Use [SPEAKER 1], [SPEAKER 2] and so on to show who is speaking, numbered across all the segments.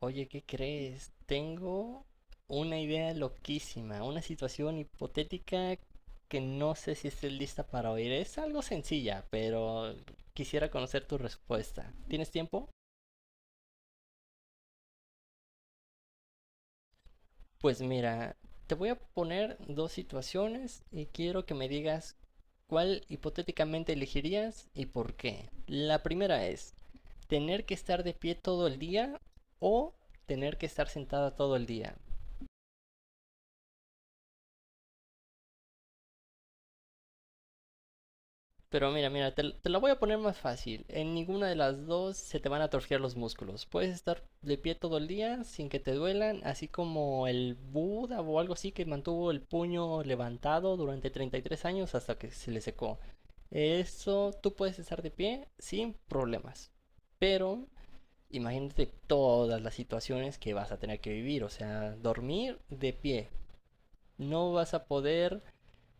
[SPEAKER 1] Oye, ¿qué crees? Tengo una idea loquísima, una situación hipotética que no sé si estés lista para oír. Es algo sencilla, pero quisiera conocer tu respuesta. ¿Tienes tiempo? Pues mira, te voy a poner dos situaciones y quiero que me digas cuál hipotéticamente elegirías y por qué. La primera es tener que estar de pie todo el día o tener que estar sentada todo el día. Pero mira, mira, te la voy a poner más fácil. En ninguna de las dos se te van a torcer los músculos. Puedes estar de pie todo el día sin que te duelan, así como el Buda o algo así que mantuvo el puño levantado durante 33 años hasta que se le secó. Eso tú puedes estar de pie sin problemas. Pero imagínate todas las situaciones que vas a tener que vivir. O sea, dormir de pie, no vas a poder,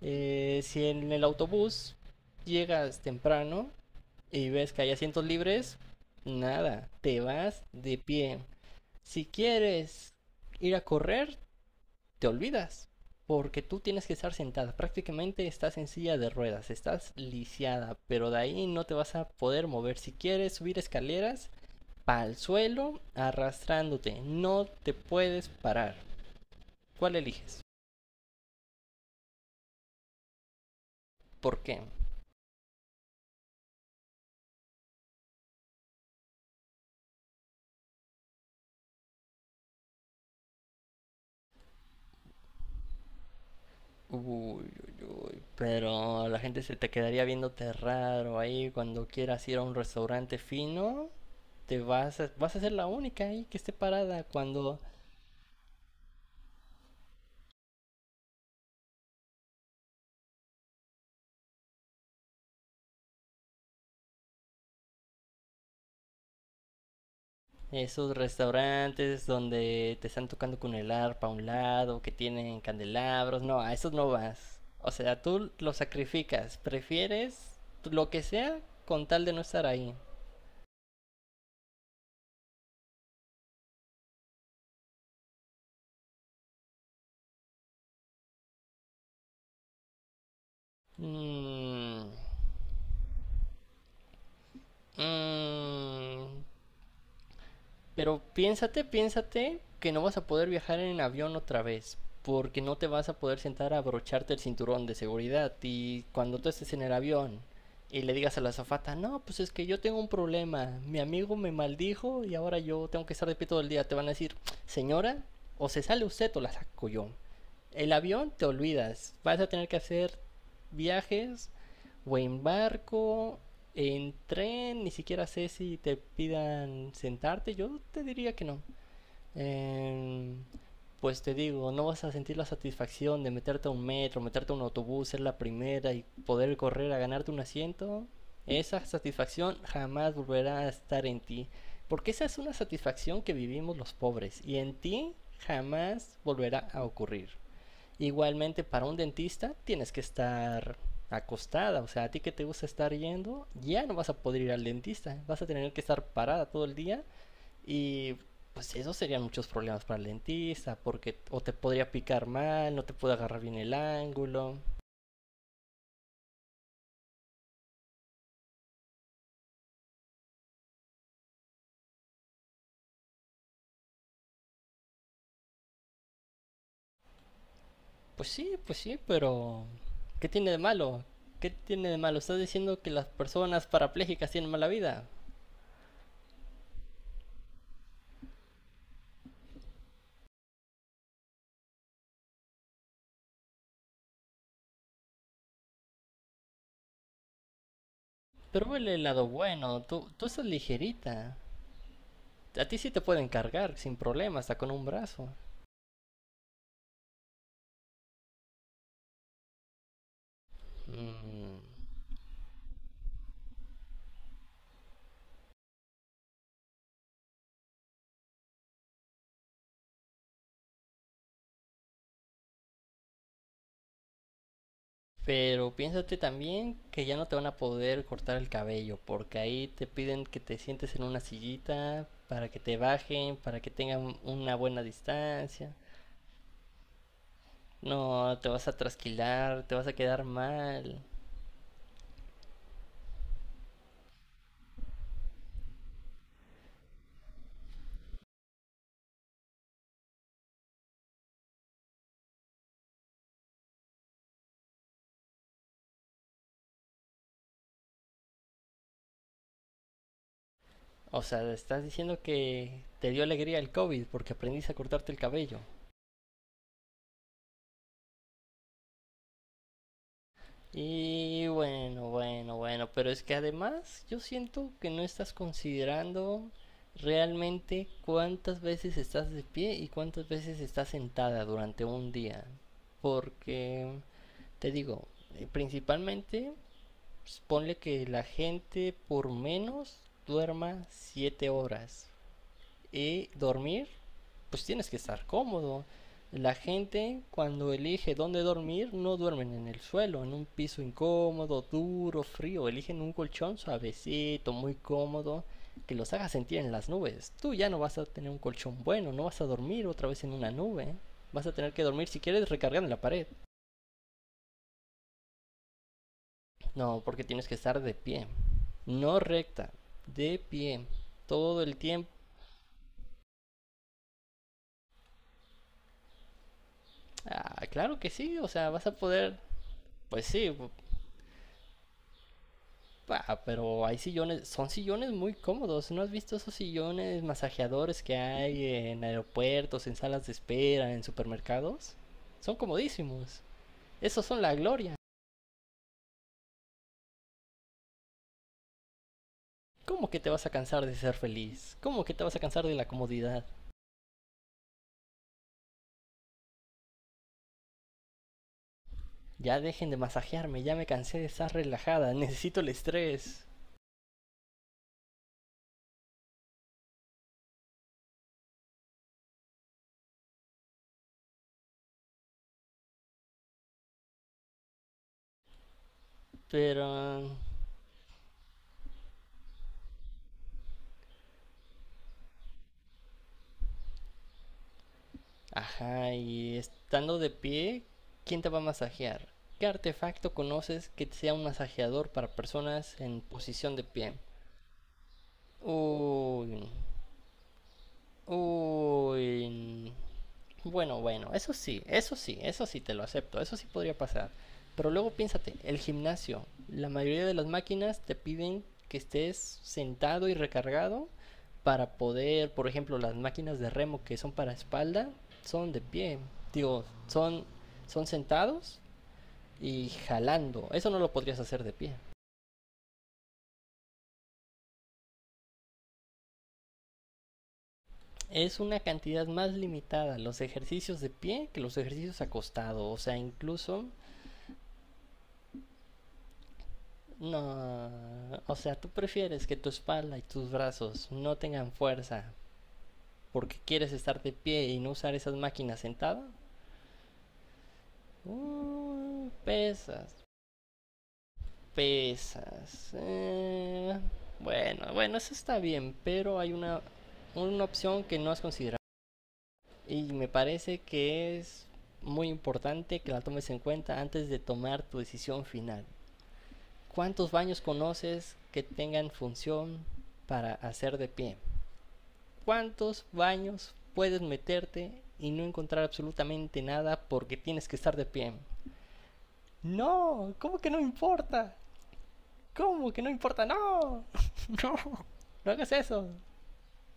[SPEAKER 1] si en el autobús llegas temprano y ves que hay asientos libres, nada, te vas de pie. Si quieres ir a correr, te olvidas, porque tú tienes que estar sentada. Prácticamente estás en silla de ruedas, estás lisiada, pero de ahí no te vas a poder mover. Si quieres subir escaleras, al suelo arrastrándote. No te puedes parar. ¿Cuál eliges? ¿Por qué? Uy, uy, uy. Pero la gente se te quedaría viéndote raro ahí cuando quieras ir a un restaurante fino. Te vas a ser la única ahí que esté parada cuando esos restaurantes donde te están tocando con el arpa a un lado, que tienen candelabros, no, a esos no vas. O sea, tú lo sacrificas, prefieres lo que sea con tal de no estar ahí. Mm, mm, Pero piénsate, piénsate que no vas a poder viajar en avión otra vez, porque no te vas a poder sentar a abrocharte el cinturón de seguridad. Y cuando tú estés en el avión y le digas a la azafata, no, pues es que yo tengo un problema, mi amigo me maldijo y ahora yo tengo que estar de pie todo el día, te van a decir, señora, o se sale usted o la saco yo. El avión te olvidas, vas a tener que hacer viajes o en barco, en tren, ni siquiera sé si te pidan sentarte, yo te diría que no. Em, pues te digo, no vas a sentir la satisfacción de meterte a un metro, meterte a un autobús, ser la primera y poder correr a ganarte un asiento. Esa satisfacción jamás volverá a estar en ti, porque esa es una satisfacción que vivimos los pobres y en ti jamás volverá a ocurrir. Igualmente, para un dentista tienes que estar acostada, o sea, a ti que te gusta estar yendo, ya no vas a poder ir al dentista, vas a tener que estar parada todo el día y pues eso serían muchos problemas para el dentista, porque o te podría picar mal, no te puede agarrar bien el ángulo. Pues sí, pero ¿qué tiene de malo? ¿Qué tiene de malo? Estás diciendo que las personas parapléjicas tienen mala vida. Pero vele el lado bueno, tú estás ligerita. A ti sí te pueden cargar sin problema, hasta con un brazo. Mm, Pero piénsate también que ya no te van a poder cortar el cabello, porque ahí te piden que te sientes en una sillita para que te bajen, para que tengan una buena distancia. No, te vas a trasquilar, te vas a quedar mal. O sea, estás diciendo que te dio alegría el COVID porque aprendiste a cortarte el cabello. Y bueno, bueno, bueno, pero es que además yo siento que no estás considerando realmente cuántas veces estás de pie y cuántas veces estás sentada durante un día. Porque, te digo, principalmente, pues, ponle que la gente por menos duerma 7 horas. Y dormir, pues tienes que estar cómodo. La gente cuando elige dónde dormir no duermen en el suelo, en un piso incómodo, duro, frío. Eligen un colchón suavecito, muy cómodo, que los haga sentir en las nubes. Tú ya no vas a tener un colchón bueno, no vas a dormir otra vez en una nube. Vas a tener que dormir si quieres recargando la pared. No, porque tienes que estar de pie. No recta, de pie. Todo el tiempo. Ah, claro que sí, o sea, vas a poder... Pues sí, pero hay sillones, son sillones muy cómodos. ¿No has visto esos sillones masajeadores que hay en aeropuertos, en salas de espera, en supermercados? Son comodísimos. Esos son la gloria. ¿Cómo que te vas a cansar de ser feliz? ¿Cómo que te vas a cansar de la comodidad? Ya dejen de masajearme, ya me cansé de estar relajada, necesito el estrés. Pero ajá, y estando de pie, ¿quién te va a masajear? ¿Qué artefacto conoces que sea un masajeador para personas en posición de pie? Uy, uy. Bueno, bueno, eso sí, eso sí, eso sí te lo acepto, eso sí podría pasar. Pero luego piénsate, el gimnasio, la mayoría de las máquinas te piden que estés sentado y recargado para poder, por ejemplo, las máquinas de remo que son para espalda, son de pie. Digo, son sentados y jalando. Eso no lo podrías hacer de pie. Es una cantidad más limitada los ejercicios de pie que los ejercicios acostado. O sea, incluso no, o sea, tú prefieres que tu espalda y tus brazos no tengan fuerza porque quieres estar de pie y no usar esas máquinas sentada. Pesas, pesas. Bueno, bueno, eso está bien, pero hay una opción que no has considerado y me parece que es muy importante que la tomes en cuenta antes de tomar tu decisión final. ¿Cuántos baños conoces que tengan función para hacer de pie? ¿Cuántos baños puedes meterte y no encontrar absolutamente nada porque tienes que estar de pie? No, ¿cómo que no importa? ¿Cómo que no importa? No, no, no hagas eso.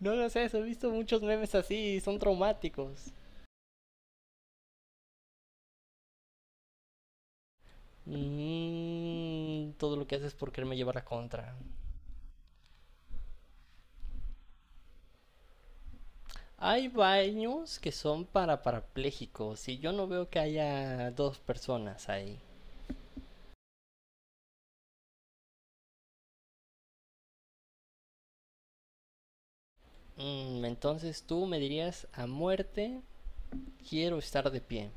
[SPEAKER 1] No hagas eso, he visto muchos memes así, son traumáticos. Mm, todo lo que haces por quererme llevar la contra. Hay baños que son para parapléjicos y yo no veo que haya dos personas ahí. Mm, entonces tú me dirías a muerte quiero estar de pie.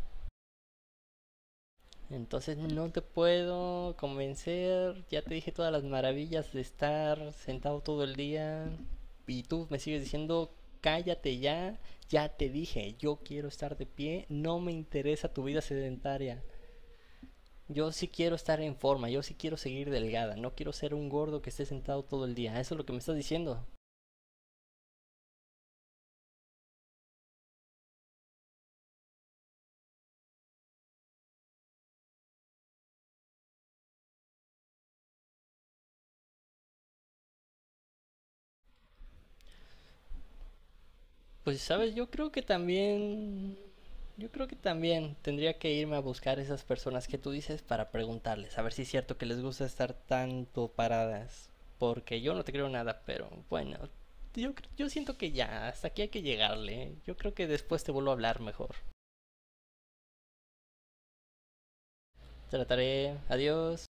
[SPEAKER 1] Entonces no te puedo convencer, ya te dije todas las maravillas de estar sentado todo el día y tú me sigues diciendo cállate ya, ya te dije, yo quiero estar de pie, no me interesa tu vida sedentaria. Yo sí quiero estar en forma, yo sí quiero seguir delgada, no quiero ser un gordo que esté sentado todo el día. Eso es lo que me estás diciendo. Pues, ¿sabes? Yo creo que también, yo creo que también tendría que irme a buscar esas personas que tú dices para preguntarles, a ver si es cierto que les gusta estar tanto paradas, porque yo no te creo nada, pero bueno, yo siento que ya, hasta aquí hay que llegarle. Yo creo que después te vuelvo a hablar mejor. Trataré. Adiós.